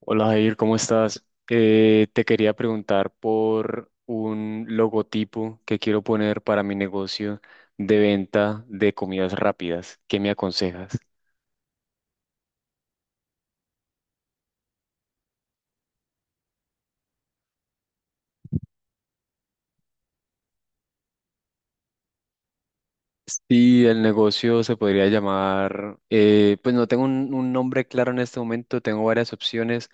Hola Jair, ¿cómo estás? Te quería preguntar por un logotipo que quiero poner para mi negocio de venta de comidas rápidas. ¿Qué me aconsejas? Sí, el negocio se podría llamar, pues no tengo un nombre claro en este momento, tengo varias opciones.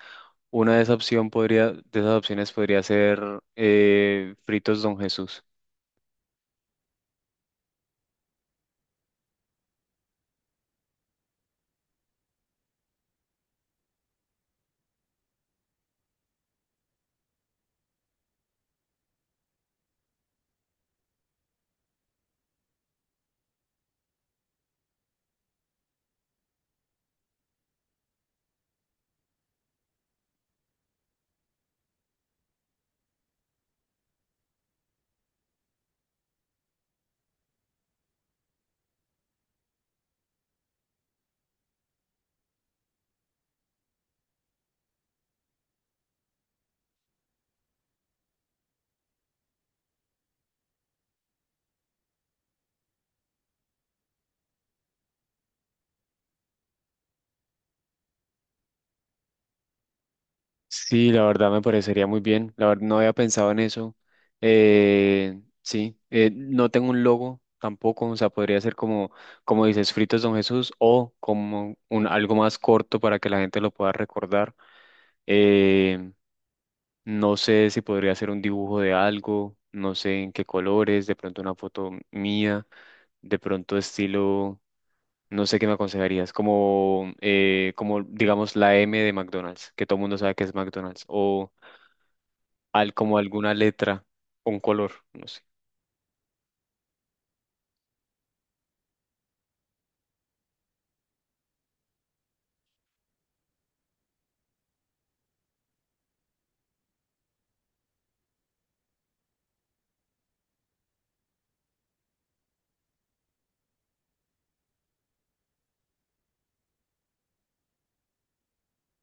Una de esas opción de esas opciones podría ser Fritos Don Jesús. Sí, la verdad me parecería muy bien. La verdad no había pensado en eso. Sí, no tengo un logo tampoco. O sea, podría ser como dices, Fritos Don Jesús o como algo más corto para que la gente lo pueda recordar. Eh, no sé si podría ser un dibujo de algo, no sé en qué colores, de pronto una foto mía, de pronto estilo, no sé qué me aconsejarías, como digamos la M de McDonald's, que todo el mundo sabe que es McDonald's o al, como alguna letra, un color, no sé.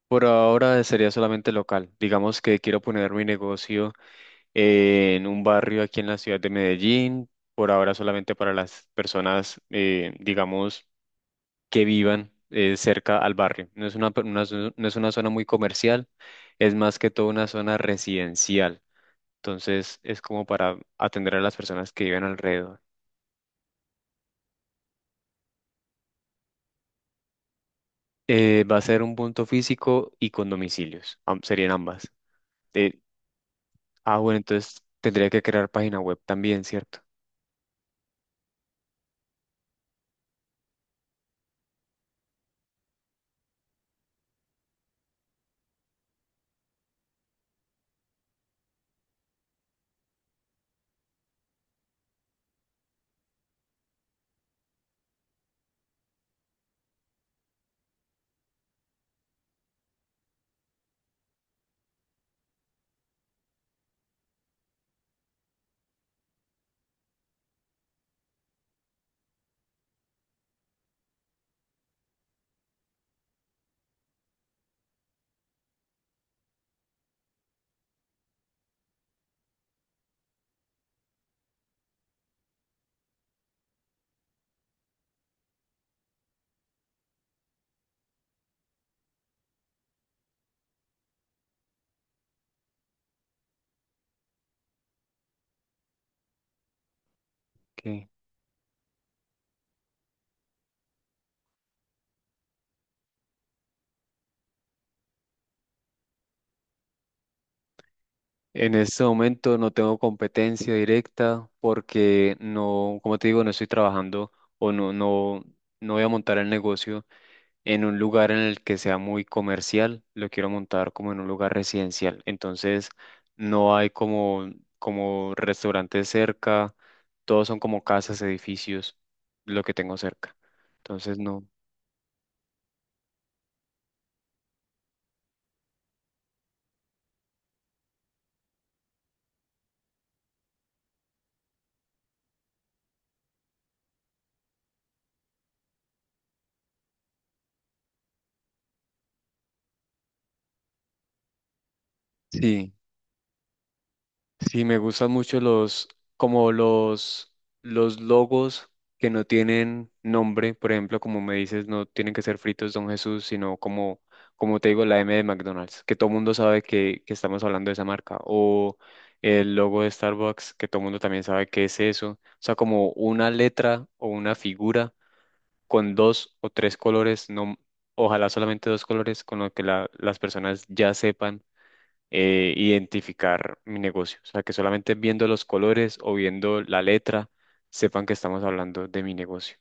Por ahora sería solamente local. Digamos que quiero poner mi negocio en un barrio aquí en la ciudad de Medellín. Por ahora solamente para las personas, digamos, que vivan cerca al barrio. No es una, per- una zo- no es una zona muy comercial, es más que todo una zona residencial. Entonces es como para atender a las personas que viven alrededor. Va a ser un punto físico y con domicilios. Serían ambas. Eh, Ah, bueno, entonces tendría que crear página web también, ¿cierto? Ok. En este momento no tengo competencia directa porque no, como te digo, no estoy trabajando o no, no, no voy a montar el negocio en un lugar en el que sea muy comercial, lo quiero montar como en un lugar residencial. Entonces no hay como restaurantes cerca, todos son como casas, edificios, lo que tengo cerca. Entonces no. Sí. Sí, me gustan mucho como los, los logos que no tienen nombre, por ejemplo, como me dices, no tienen que ser fritos Don Jesús, como te digo, la M de McDonald's, que todo el mundo sabe que estamos hablando de esa marca, o el logo de Starbucks, que todo el mundo también sabe qué es eso. O sea, como una letra o una figura con dos o tres colores, no, ojalá solamente dos colores, con lo que las personas ya sepan identificar mi negocio. O sea, que solamente viendo los colores o viendo la letra sepan que estamos hablando de mi negocio.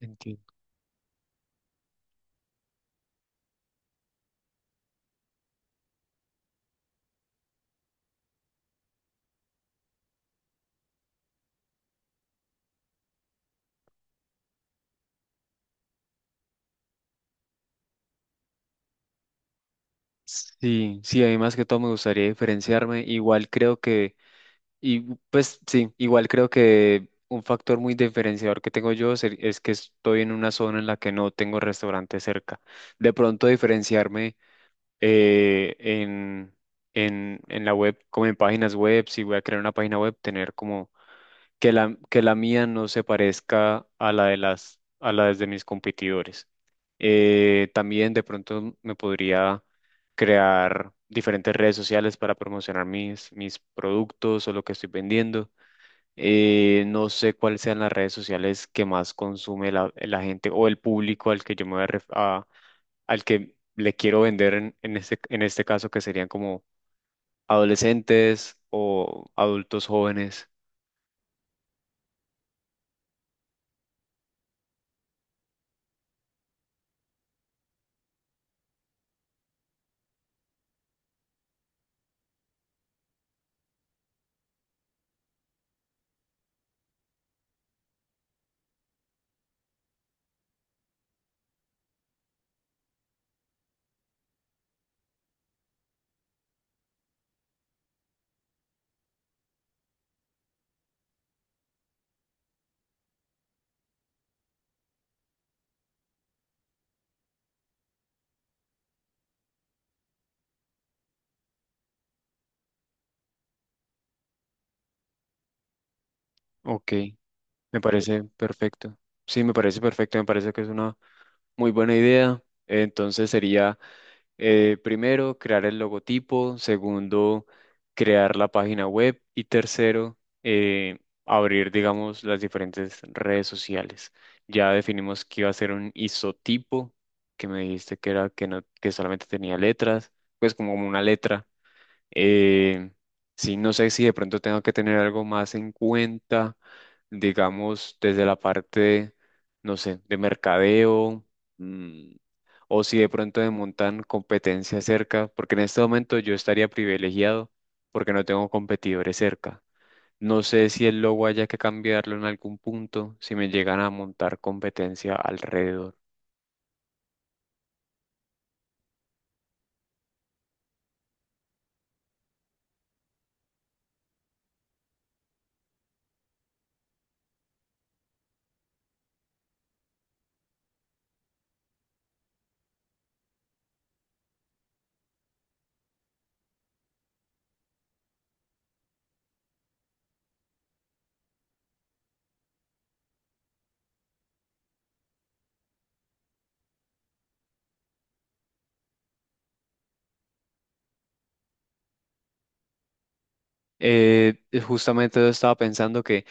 Entiendo. Sí, sí, a mí más que todo me gustaría diferenciarme. Igual creo que, y pues sí, igual creo que un factor muy diferenciador que tengo yo es que estoy en una zona en la que no tengo restaurante cerca. De pronto diferenciarme eh, en, en la web, como en páginas web, si voy a crear una página web, tener como que que la mía no se parezca a la de a la de mis competidores. También de pronto me podría crear diferentes redes sociales para promocionar mis productos o lo que estoy vendiendo. No sé cuáles sean las redes sociales que más consume la gente o el público al que yo me voy al que le quiero vender en este caso, que serían como adolescentes o adultos jóvenes. Ok. Me parece perfecto. Sí, me parece perfecto. Me parece que es una muy buena idea. Entonces sería, primero, crear el logotipo. Segundo, crear la página web. Y tercero, abrir, digamos, las diferentes redes sociales. Ya definimos que iba a ser un isotipo, que me dijiste que era que no, que solamente tenía letras, pues como una letra. Eh, sí, no sé si de pronto tengo que tener algo más en cuenta, digamos, desde la parte, no sé, de mercadeo, mm, o si de pronto me montan competencia cerca, porque en este momento yo estaría privilegiado porque no tengo competidores cerca. No sé si el logo haya que cambiarlo en algún punto, si me llegan a montar competencia alrededor. Eh, justamente yo estaba pensando que,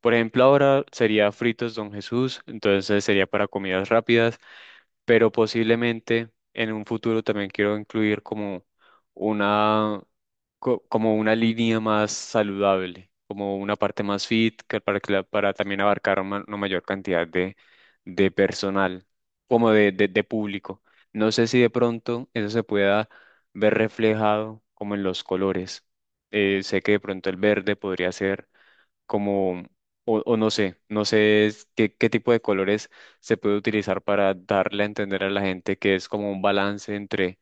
por ejemplo, ahora sería fritos Don Jesús, entonces sería para comidas rápidas, pero posiblemente en un futuro también quiero incluir como una, como una línea más saludable, como una parte más fit, que para, que la- para también abarcar una mayor cantidad de personal, como de público. No sé si de pronto eso se pueda ver reflejado como en los colores, sé que de pronto el verde podría ser como, o no sé, qué tipo de colores se puede utilizar para darle a entender a la gente que es como un balance entre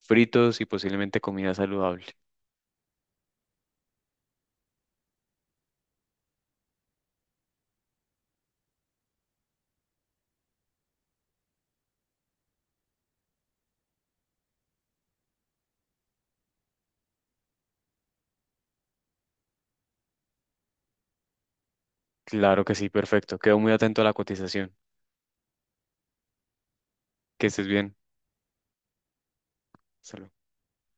fritos y posiblemente comida saludable. Claro que sí, perfecto. Quedo muy atento a la cotización. Que estés bien. Salud.